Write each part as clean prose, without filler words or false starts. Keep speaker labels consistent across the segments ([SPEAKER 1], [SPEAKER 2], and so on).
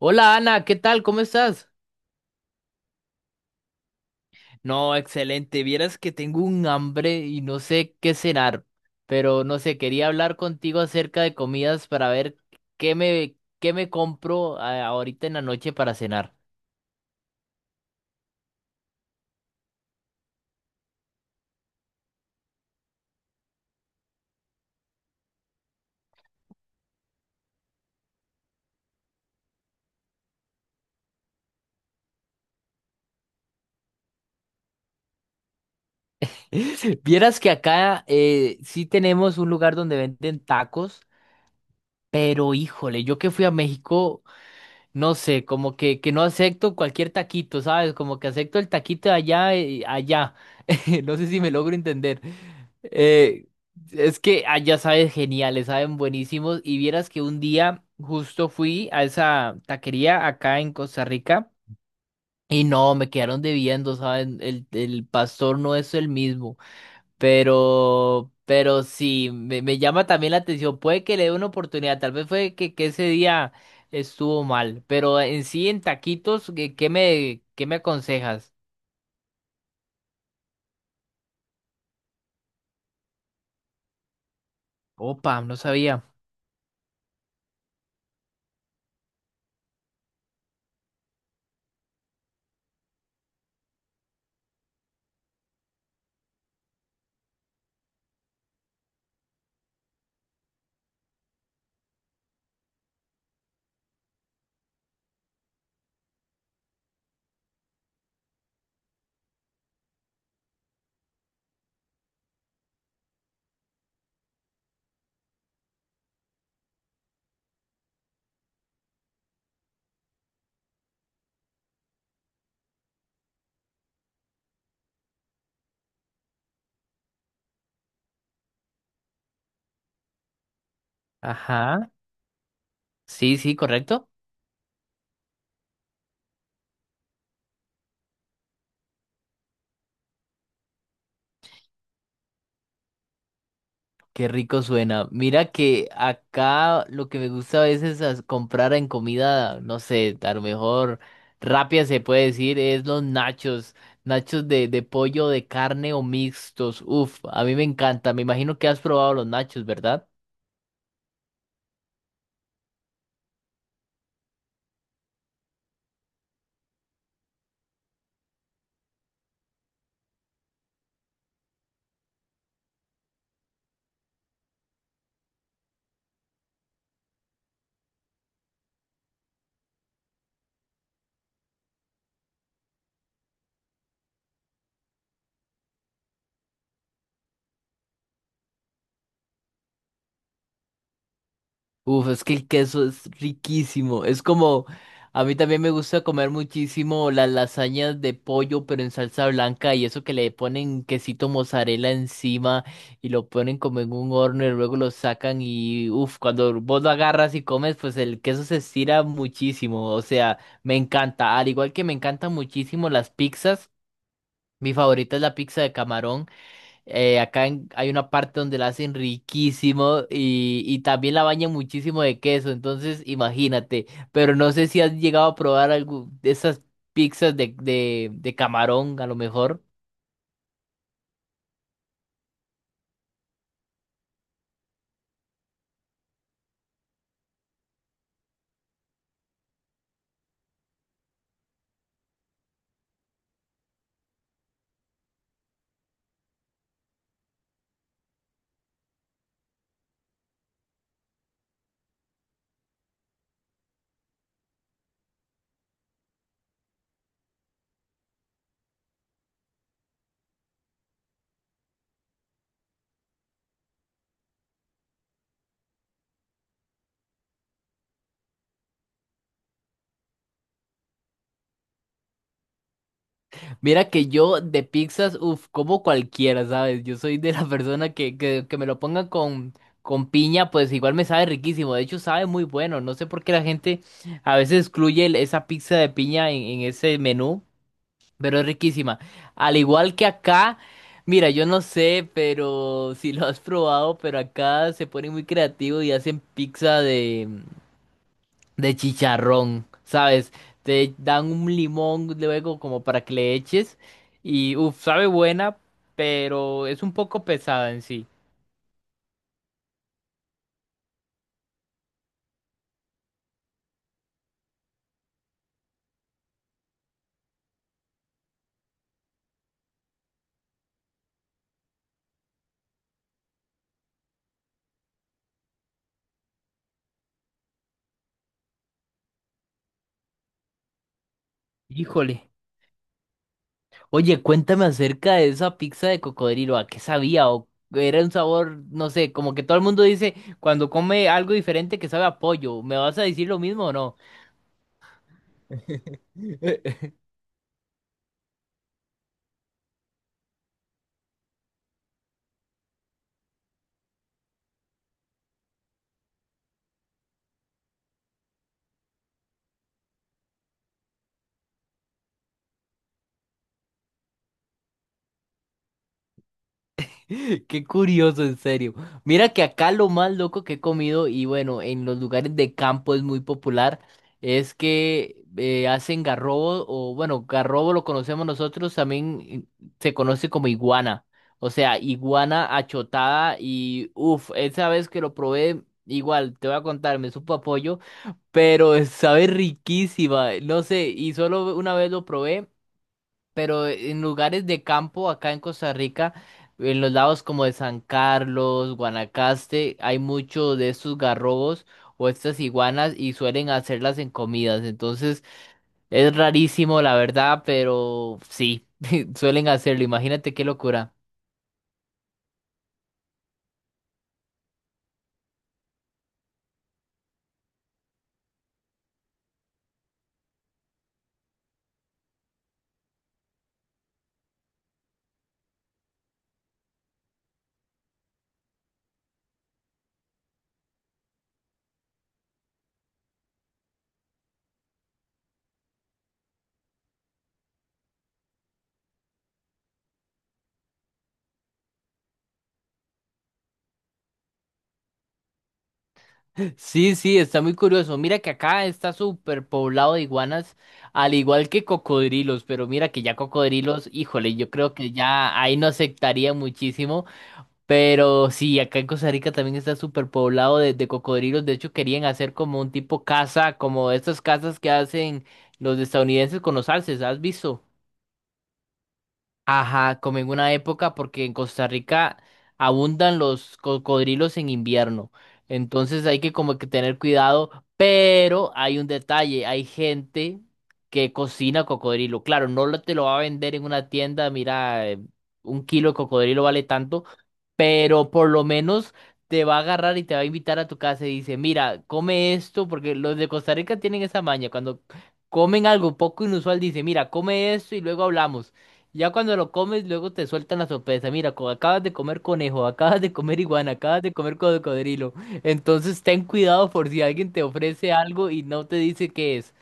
[SPEAKER 1] Hola Ana, ¿qué tal? ¿Cómo estás? No, excelente. Vieras que tengo un hambre y no sé qué cenar, pero no sé, quería hablar contigo acerca de comidas para ver qué me compro ahorita en la noche para cenar. Vieras que acá sí tenemos un lugar donde venden tacos, pero híjole, yo que fui a México no sé, que no acepto cualquier taquito, ¿sabes? Como que acepto el taquito de allá, allá. No sé si me logro entender. Eh, es que allá sabes geniales, saben buenísimos. Y vieras que un día justo fui a esa taquería acá en Costa Rica y no, me quedaron debiendo, ¿saben? El pastor no es el mismo. Pero sí, me llama también la atención. Puede que le dé una oportunidad. Tal vez fue que ese día estuvo mal. Pero en sí, en taquitos, ¿ qué me aconsejas? Opa, no sabía. Ajá. Sí, sí, correcto. Qué rico suena. Mira que acá lo que me gusta a veces es comprar en comida, no sé, a lo mejor rápida se puede decir, es los nachos, nachos de pollo, de carne o mixtos. Uf, a mí me encanta. Me imagino que has probado los nachos, ¿verdad? Uf, es que el queso es riquísimo. Es como, a mí también me gusta comer muchísimo las lasañas de pollo, pero en salsa blanca y eso que le ponen quesito mozzarella encima y lo ponen como en un horno y luego lo sacan y, uf, cuando vos lo agarras y comes, pues el queso se estira muchísimo. O sea, me encanta. Al igual que me encantan muchísimo las pizzas, mi favorita es la pizza de camarón. Acá hay una parte donde la hacen riquísimo y también la bañan muchísimo de queso, entonces imagínate, pero no sé si has llegado a probar algo de esas pizzas de camarón, a lo mejor. Mira que yo de pizzas, uff, como cualquiera, ¿sabes? Yo soy de la persona que me lo pongan con piña, pues igual me sabe riquísimo, de hecho sabe muy bueno, no sé por qué la gente a veces excluye esa pizza de piña en ese menú. Pero es riquísima. Al igual que acá, mira, yo no sé, pero si lo has probado, pero acá se ponen muy creativos y hacen pizza de chicharrón, ¿sabes? Te dan un limón luego como para que le eches y, uff, sabe buena, pero es un poco pesada en sí. Híjole. Oye, cuéntame acerca de esa pizza de cocodrilo, ¿a qué sabía? ¿O era un sabor, no sé, como que todo el mundo dice cuando come algo diferente que sabe a pollo? ¿Me vas a decir lo mismo o no? Qué curioso, en serio. Mira que acá lo más loco que he comido, y bueno, en los lugares de campo es muy popular, es que hacen garrobo, o bueno, garrobo lo conocemos nosotros, también se conoce como iguana. O sea, iguana achotada, y uff, esa vez que lo probé, igual, te voy a contar, me supo apoyo, pero sabe riquísima, no sé, y solo una vez lo probé pero en lugares de campo acá en Costa Rica, en los lados como de San Carlos, Guanacaste, hay mucho de estos garrobos o estas iguanas y suelen hacerlas en comidas. Entonces es rarísimo, la verdad, pero sí, suelen hacerlo. Imagínate qué locura. Sí, sí, está muy curioso. Mira que acá está súper poblado de iguanas, al igual que cocodrilos, pero mira que ya cocodrilos, híjole, yo creo que ya ahí no aceptaría muchísimo. Pero sí, acá en Costa Rica también está súper poblado de cocodrilos. De hecho, querían hacer como un tipo casa, como estas casas que hacen los estadounidenses con los alces. ¿Has visto? Ajá, como en una época, porque en Costa Rica abundan los cocodrilos en invierno. Entonces hay que como que tener cuidado, pero hay un detalle, hay gente que cocina cocodrilo. Claro, no lo- te lo va a vender en una tienda, mira, un kilo de cocodrilo vale tanto, pero por lo menos te va a agarrar y te va a invitar a tu casa y dice, mira, come esto, porque los de Costa Rica tienen esa maña, cuando comen algo poco inusual, dice, mira, come esto y luego hablamos. Ya cuando lo comes, luego te sueltan la sorpresa. Mira, acabas de comer conejo, acabas de comer iguana, acabas de comer cocodrilo. Entonces ten cuidado por si alguien te ofrece algo y no te dice qué es.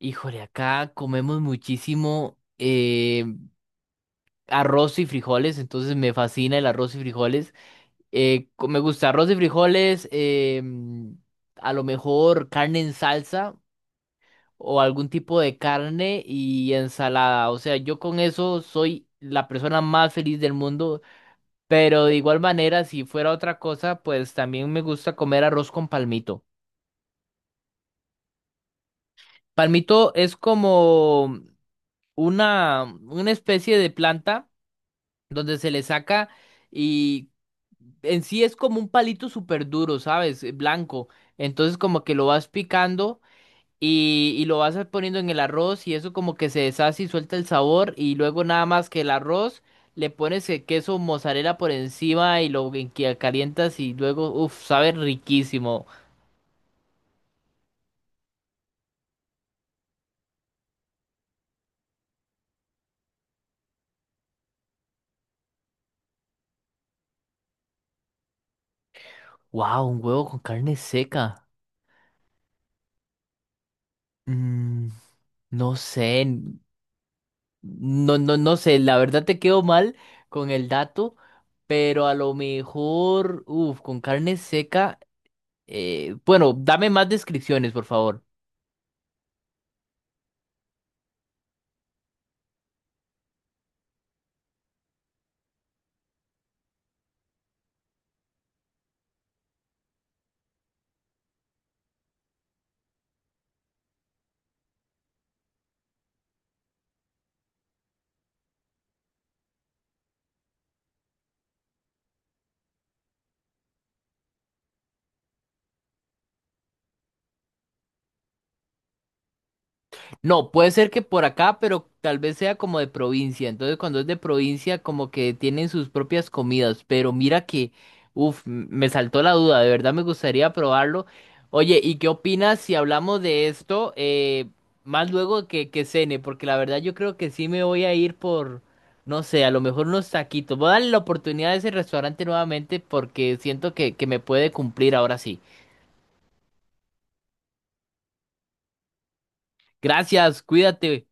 [SPEAKER 1] Híjole, acá comemos muchísimo arroz y frijoles, entonces me fascina el arroz y frijoles. Me gusta arroz y frijoles, a lo mejor carne en salsa, o algún tipo de carne y ensalada. O sea, yo con eso soy la persona más feliz del mundo, pero de igual manera, si fuera otra cosa, pues también me gusta comer arroz con palmito. Palmito es como una especie de planta donde se le saca y en sí es como un palito súper duro, ¿sabes? Blanco. Entonces como que lo vas picando, y lo vas poniendo en el arroz y eso como que se deshace y suelta el sabor y luego nada más que el arroz le pones el queso mozzarella por encima y que calientas y luego, uff, sabe riquísimo. Wow, un huevo con carne seca. Mm, no sé, no sé, la verdad te quedo mal con el dato, pero a lo mejor, uff, con carne seca, bueno, dame más descripciones, por favor. No, puede ser que por acá, pero tal vez sea como de provincia. Entonces, cuando es de provincia, como que tienen sus propias comidas. Pero mira que, uff, me saltó la duda. De verdad me gustaría probarlo. Oye, ¿y qué opinas si hablamos de esto más luego que cene? Porque la verdad yo creo que sí me voy a ir por, no sé, a lo mejor unos taquitos. Voy a darle la oportunidad a ese restaurante nuevamente porque siento que me puede cumplir ahora sí. Gracias, cuídate.